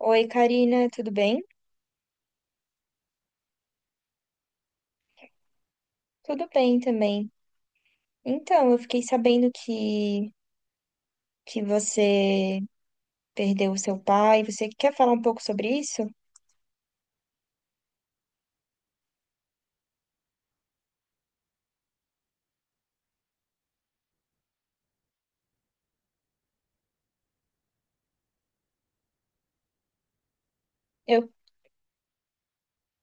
Oi, Karina, tudo bem? Tudo bem também. Então, eu fiquei sabendo que você perdeu o seu pai. Você quer falar um pouco sobre isso? Eu,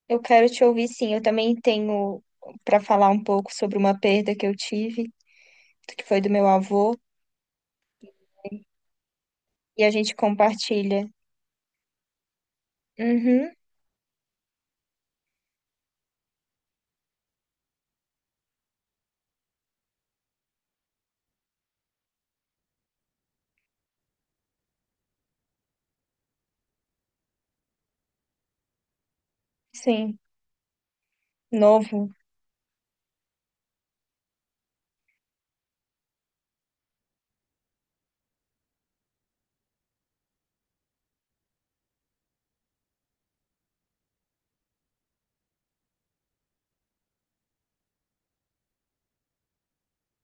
eu quero te ouvir, sim. Eu também tenho para falar um pouco sobre uma perda que eu tive, que foi do meu avô, e a gente compartilha. Uhum, sim. Novo.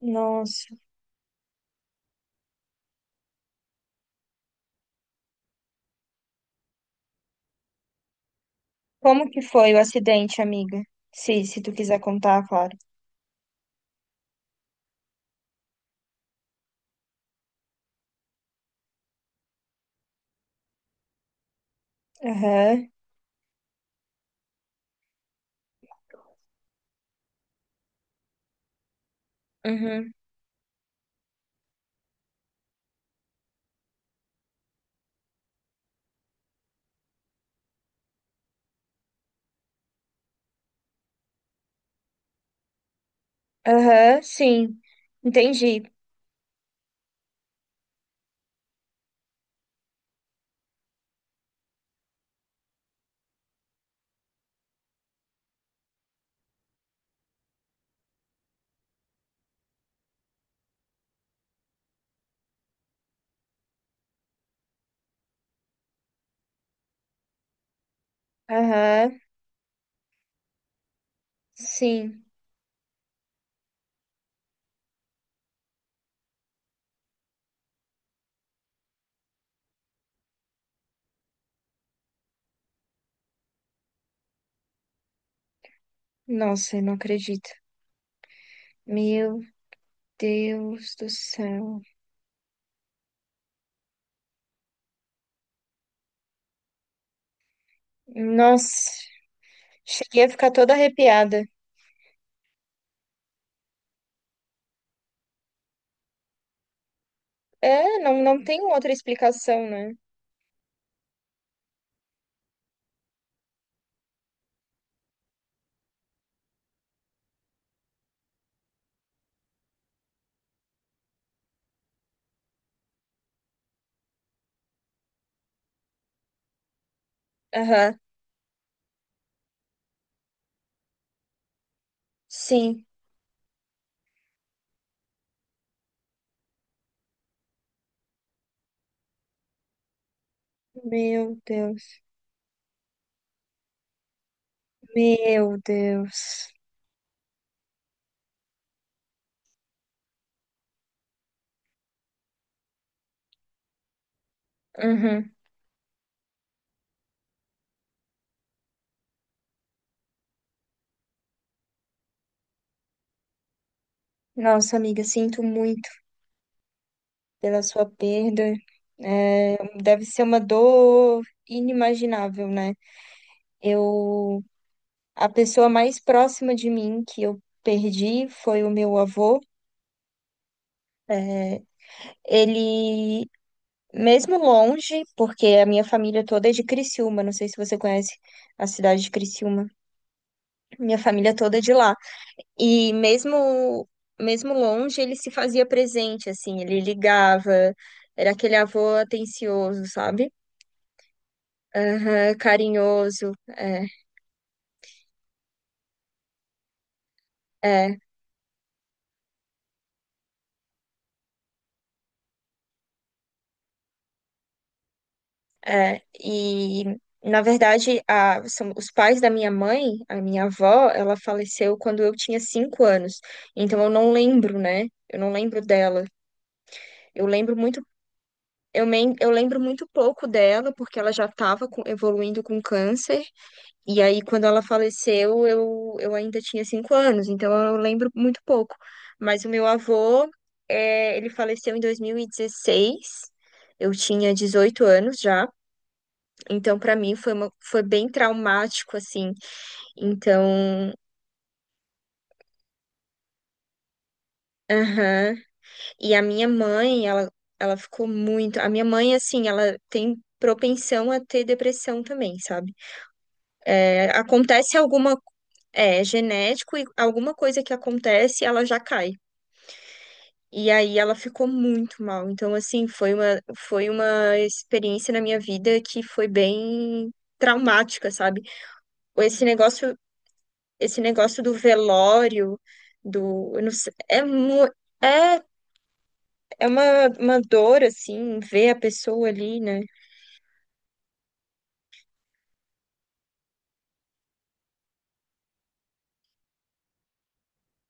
Nossa. Como que foi o acidente, amiga? Se tu quiser contar, claro. Aham, uhum, aham, sim. Entendi. Aham, sim. Nossa, eu não acredito. Meu Deus do céu. Nossa, cheguei a ficar toda arrepiada. É, não, não tem outra explicação, né? Aham, sim. Meu Deus. Meu Deus. Uhum. Nossa, amiga, sinto muito pela sua perda. É, deve ser uma dor inimaginável, né? Eu, a pessoa mais próxima de mim que eu perdi foi o meu avô. É, ele, mesmo longe, porque a minha família toda é de Criciúma, não sei se você conhece a cidade de Criciúma, minha família toda é de lá. E mesmo longe, ele se fazia presente, assim, ele ligava, era aquele avô atencioso, sabe? Aham, carinhoso. É, é. É, e, na verdade, são os pais da minha mãe. A minha avó, ela faleceu quando eu tinha 5 anos. Então, eu não lembro, né? Eu não lembro dela. Eu lembro muito, eu lembro muito pouco dela, porque ela já estava evoluindo com câncer. E aí, quando ela faleceu, eu ainda tinha 5 anos. Então, eu lembro muito pouco. Mas o meu avô, é, ele faleceu em 2016. Eu tinha 18 anos já. Então, para mim foi uma, foi bem traumático assim. Então, aham. E a minha mãe, ela ficou muito, a minha mãe assim, ela tem propensão a ter depressão também, sabe? É, acontece alguma é genético e alguma coisa que acontece, ela já cai. E aí ela ficou muito mal. Então, assim, foi uma experiência na minha vida que foi bem traumática, sabe? Esse negócio esse negócio do velório, do, eu não sei, é, é, é, uma dor, assim, ver a pessoa ali, né?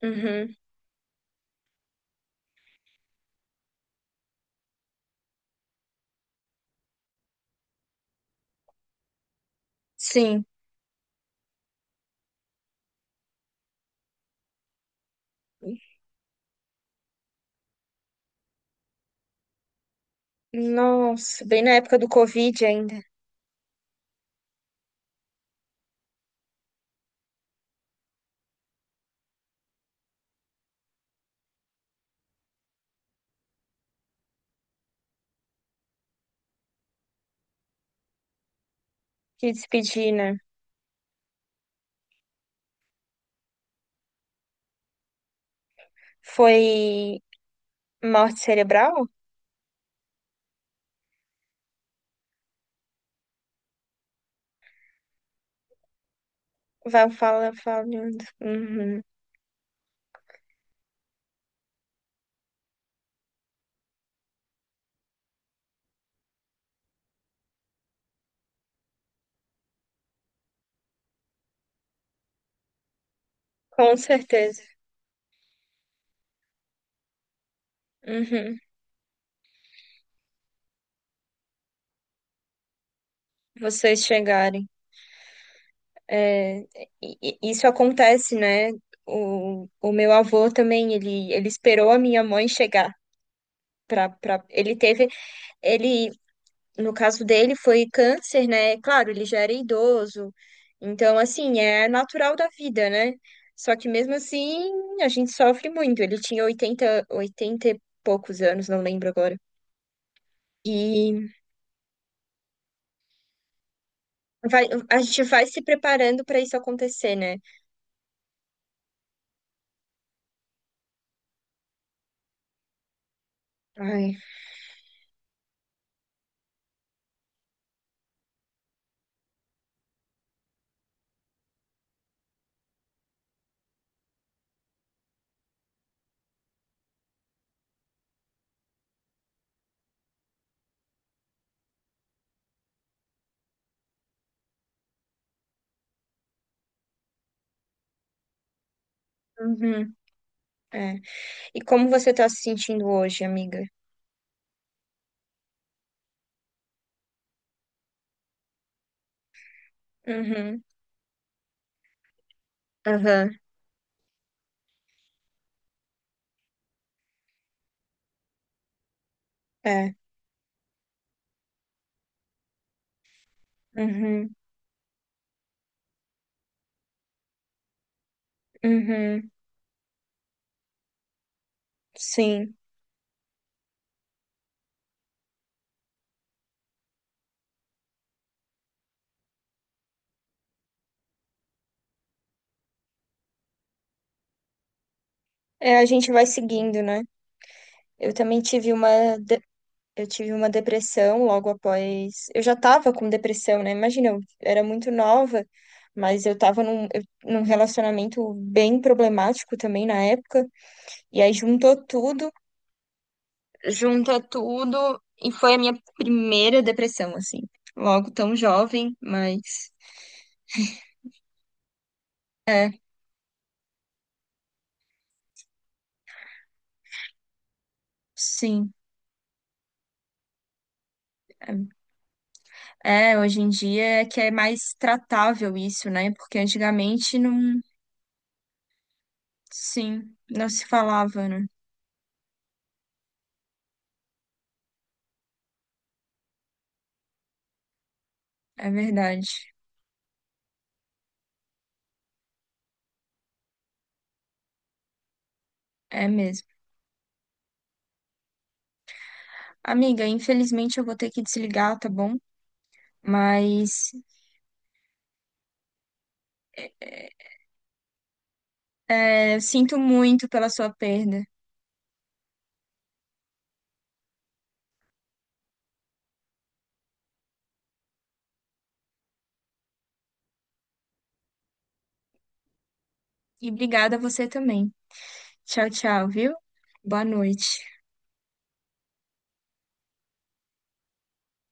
Uhum, sim. Nossa, bem na época do Covid ainda, que despedi, né? Foi morte cerebral? Falando. Uhum. Com certeza. Uhum. Vocês chegarem. É, e, isso acontece, né? O meu avô também, ele esperou a minha mãe chegar. Pra, pra... Ele teve, ele, no caso dele, foi câncer, né? Claro, ele já era idoso, então, assim, é natural da vida, né? Só que mesmo assim, a gente sofre muito. Ele tinha oitenta e poucos anos, não lembro agora. E a gente vai se preparando para isso acontecer, né? Ai. Uhum, é. E como você tá se sentindo hoje, amiga? Uhum, aham, é. Uhum, uhum, sim. É, a gente vai seguindo, né? Eu também tive uma depressão logo após. Eu já estava com depressão, né? Imagina, eu era muito nova, mas eu estava num relacionamento bem problemático também na época. E aí juntou tudo, junta tudo, e foi a minha primeira depressão, assim. Logo tão jovem, mas sim. É, hoje em dia é que é mais tratável isso, né? Porque antigamente não, sim, não se falava, né? É verdade. É mesmo. Amiga, infelizmente eu vou ter que desligar, tá bom? Mas é, sinto muito pela sua perda. E obrigada a você também. Tchau, tchau, viu? Boa noite.